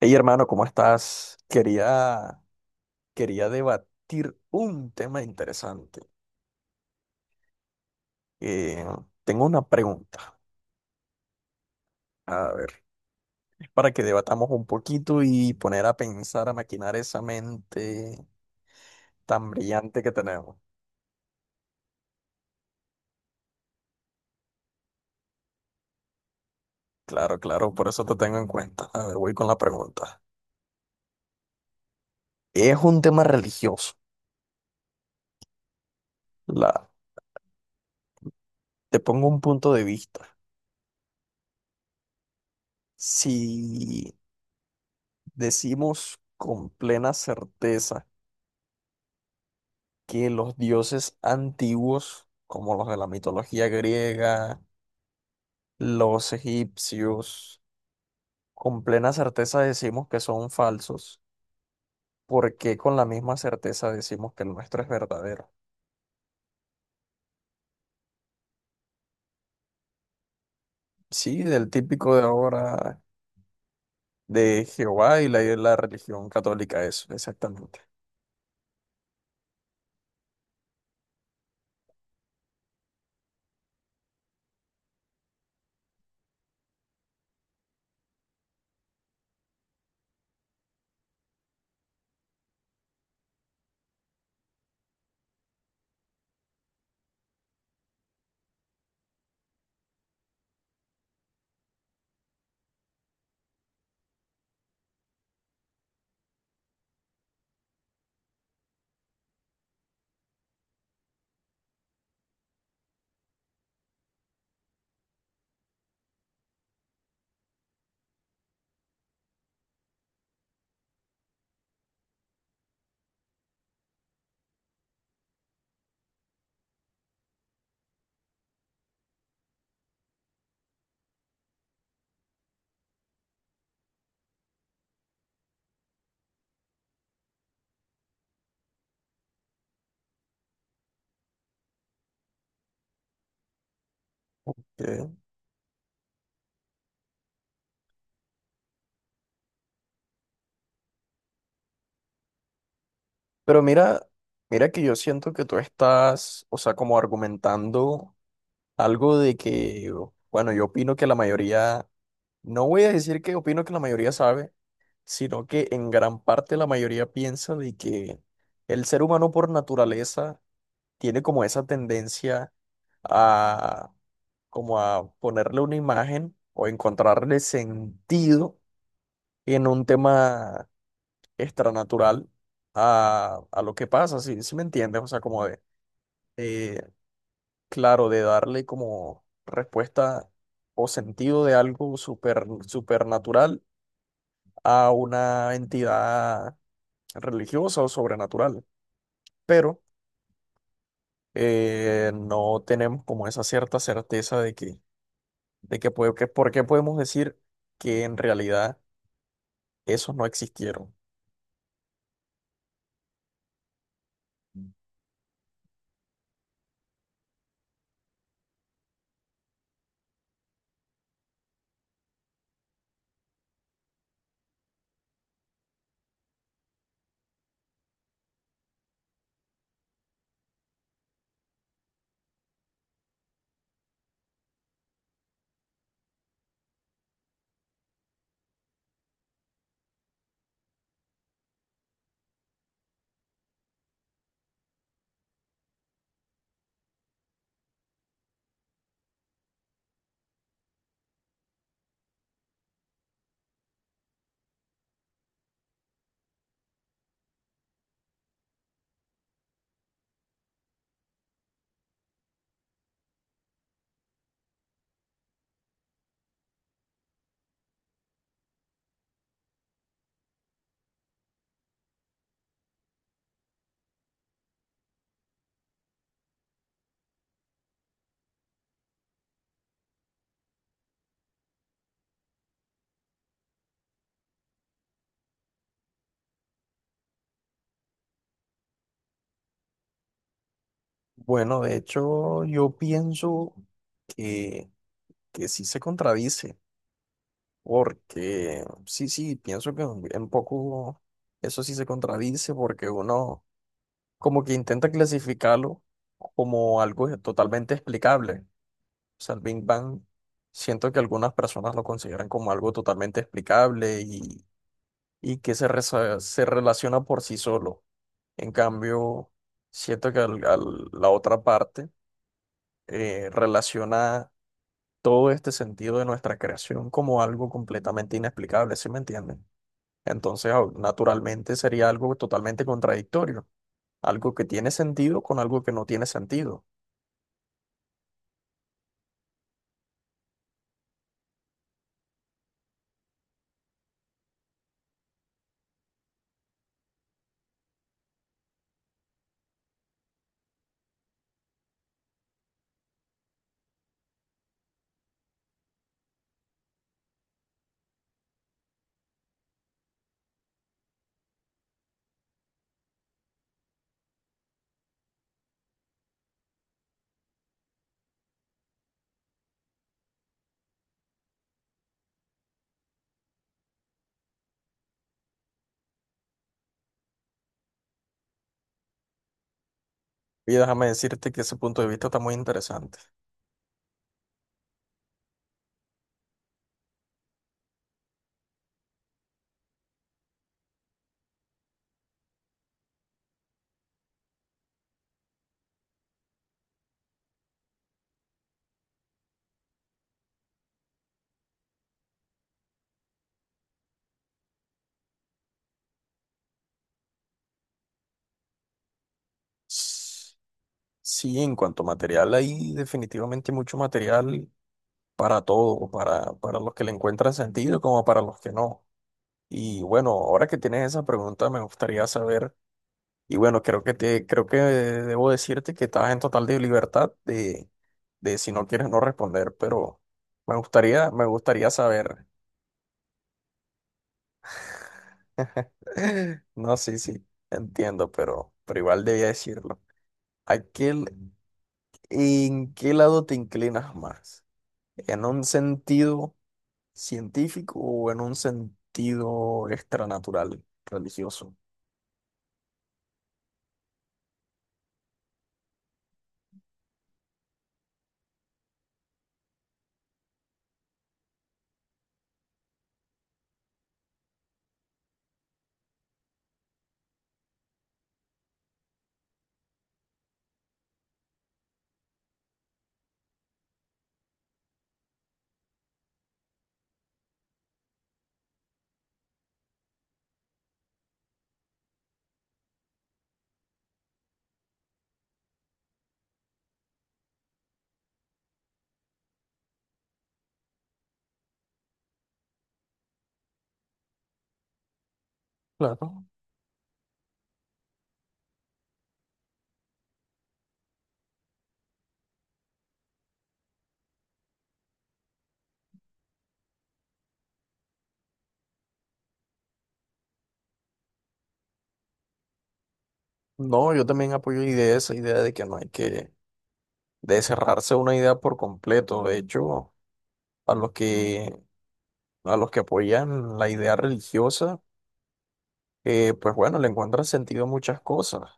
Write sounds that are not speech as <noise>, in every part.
Hey hermano, ¿cómo estás? Quería debatir un tema interesante. Eh, tengo una pregunta, a ver, para que debatamos un poquito y poner a pensar, a maquinar esa mente tan brillante que tenemos. Claro, claro, por eso te tengo en cuenta. A ver, voy con la pregunta. Es un tema religioso. La, te pongo un punto de vista. Si decimos con plena certeza que los dioses antiguos, como los de la mitología griega, los egipcios, con plena certeza decimos que son falsos, ¿porque con la misma certeza decimos que el nuestro es verdadero? Sí, del típico de ahora de Jehová y y la religión católica, eso, exactamente. Que- Pero mira, mira que yo siento que tú estás, o sea, como argumentando algo de que, bueno, yo opino que la mayoría. No voy a decir que opino que la mayoría sabe, sino que en gran parte la mayoría piensa de que el ser humano por naturaleza tiene como esa tendencia a como a ponerle una imagen o encontrarle sentido en un tema extranatural a lo que pasa, si, si me entiendes, o sea, eh, claro, de darle como respuesta o sentido de algo súper supernatural a una entidad religiosa o sobrenatural, pero no tenemos como esa cierta certeza de que, por qué podemos decir que en realidad esos no existieron. Bueno, de hecho, yo pienso que, que sí se contradice, porque sí, sí, pienso que un poco eso sí se contradice, porque uno como que intenta clasificarlo como algo totalmente explicable. O sea, el Big Bang, siento que algunas personas lo consideran como algo totalmente explicable y que se relaciona por sí solo. En cambio, siento que la otra parte relaciona todo este sentido de nuestra creación como algo completamente inexplicable, ¿sí me entienden? Entonces, naturalmente sería algo totalmente contradictorio, algo que tiene sentido con algo que no tiene sentido. Y déjame decirte que ese punto de vista está muy interesante. S- Sí, en cuanto a material, hay definitivamente mucho material para todo, para los que le encuentran sentido como para los que no. Y bueno, ahora que tienes esa pregunta, me gustaría saber. Y bueno, creo que debo decirte que estás en total de libertad de si no quieres no responder, pero me gustaría saber. <laughs> No, sí, sí, entiendo, pero igual debía decirlo. ¿A qué l- ¿En qué lado te inclinas más? ¿En un sentido científico o en un sentido extranatural, religioso? Claro. No, yo también apoyo idea, esa idea de que no hay que de cerrarse a una idea por completo. De hecho, a los que, a los que apoyan la idea religiosa, pues bueno, le encuentran sentido a muchas cosas,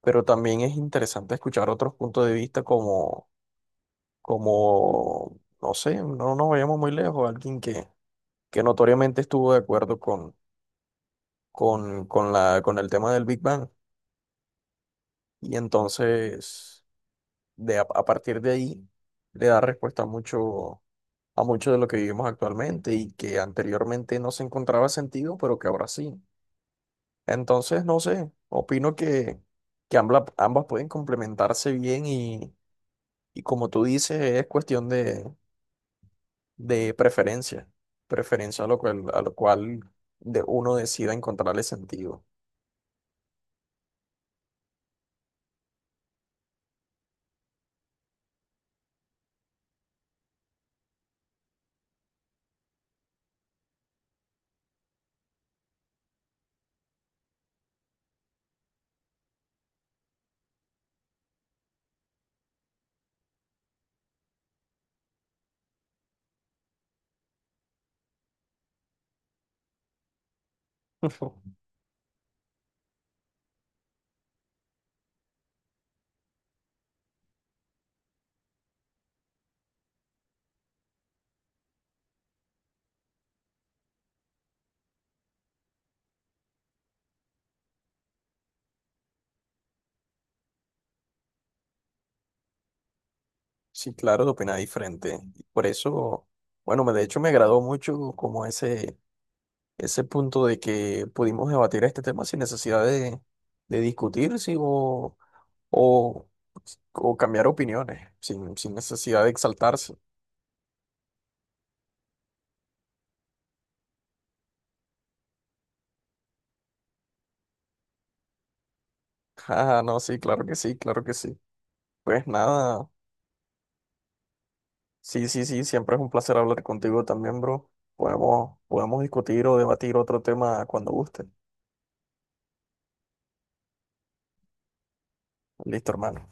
pero también es interesante escuchar otros puntos de vista como, como, no sé, no nos vayamos muy lejos, que notoriamente estuvo de acuerdo con con el tema del Big Bang, y entonces a partir de ahí le da respuesta a mucho, a mucho de lo que vivimos actualmente y que anteriormente no se encontraba sentido, pero que ahora sí. Entonces, no sé, opino que ambas pueden complementarse bien y como tú dices, es cuestión de preferencia, preferencia a lo cual de uno decida encontrarle sentido. <laughs> Sí, claro, de opinar diferente. Y por eso, bueno, de hecho me agradó mucho como ese punto de que pudimos debatir este tema sin necesidad de discutir sí, o, o cambiar opiniones, sin, sin necesidad de exaltarse. <laughs> Ah, no, sí, claro que sí, claro que sí. Pues nada, sí, sí, sí, siempre es un placer hablar contigo también, bro. Podemos, podemos discutir o debatir otro tema cuando guste. Listo, hermano.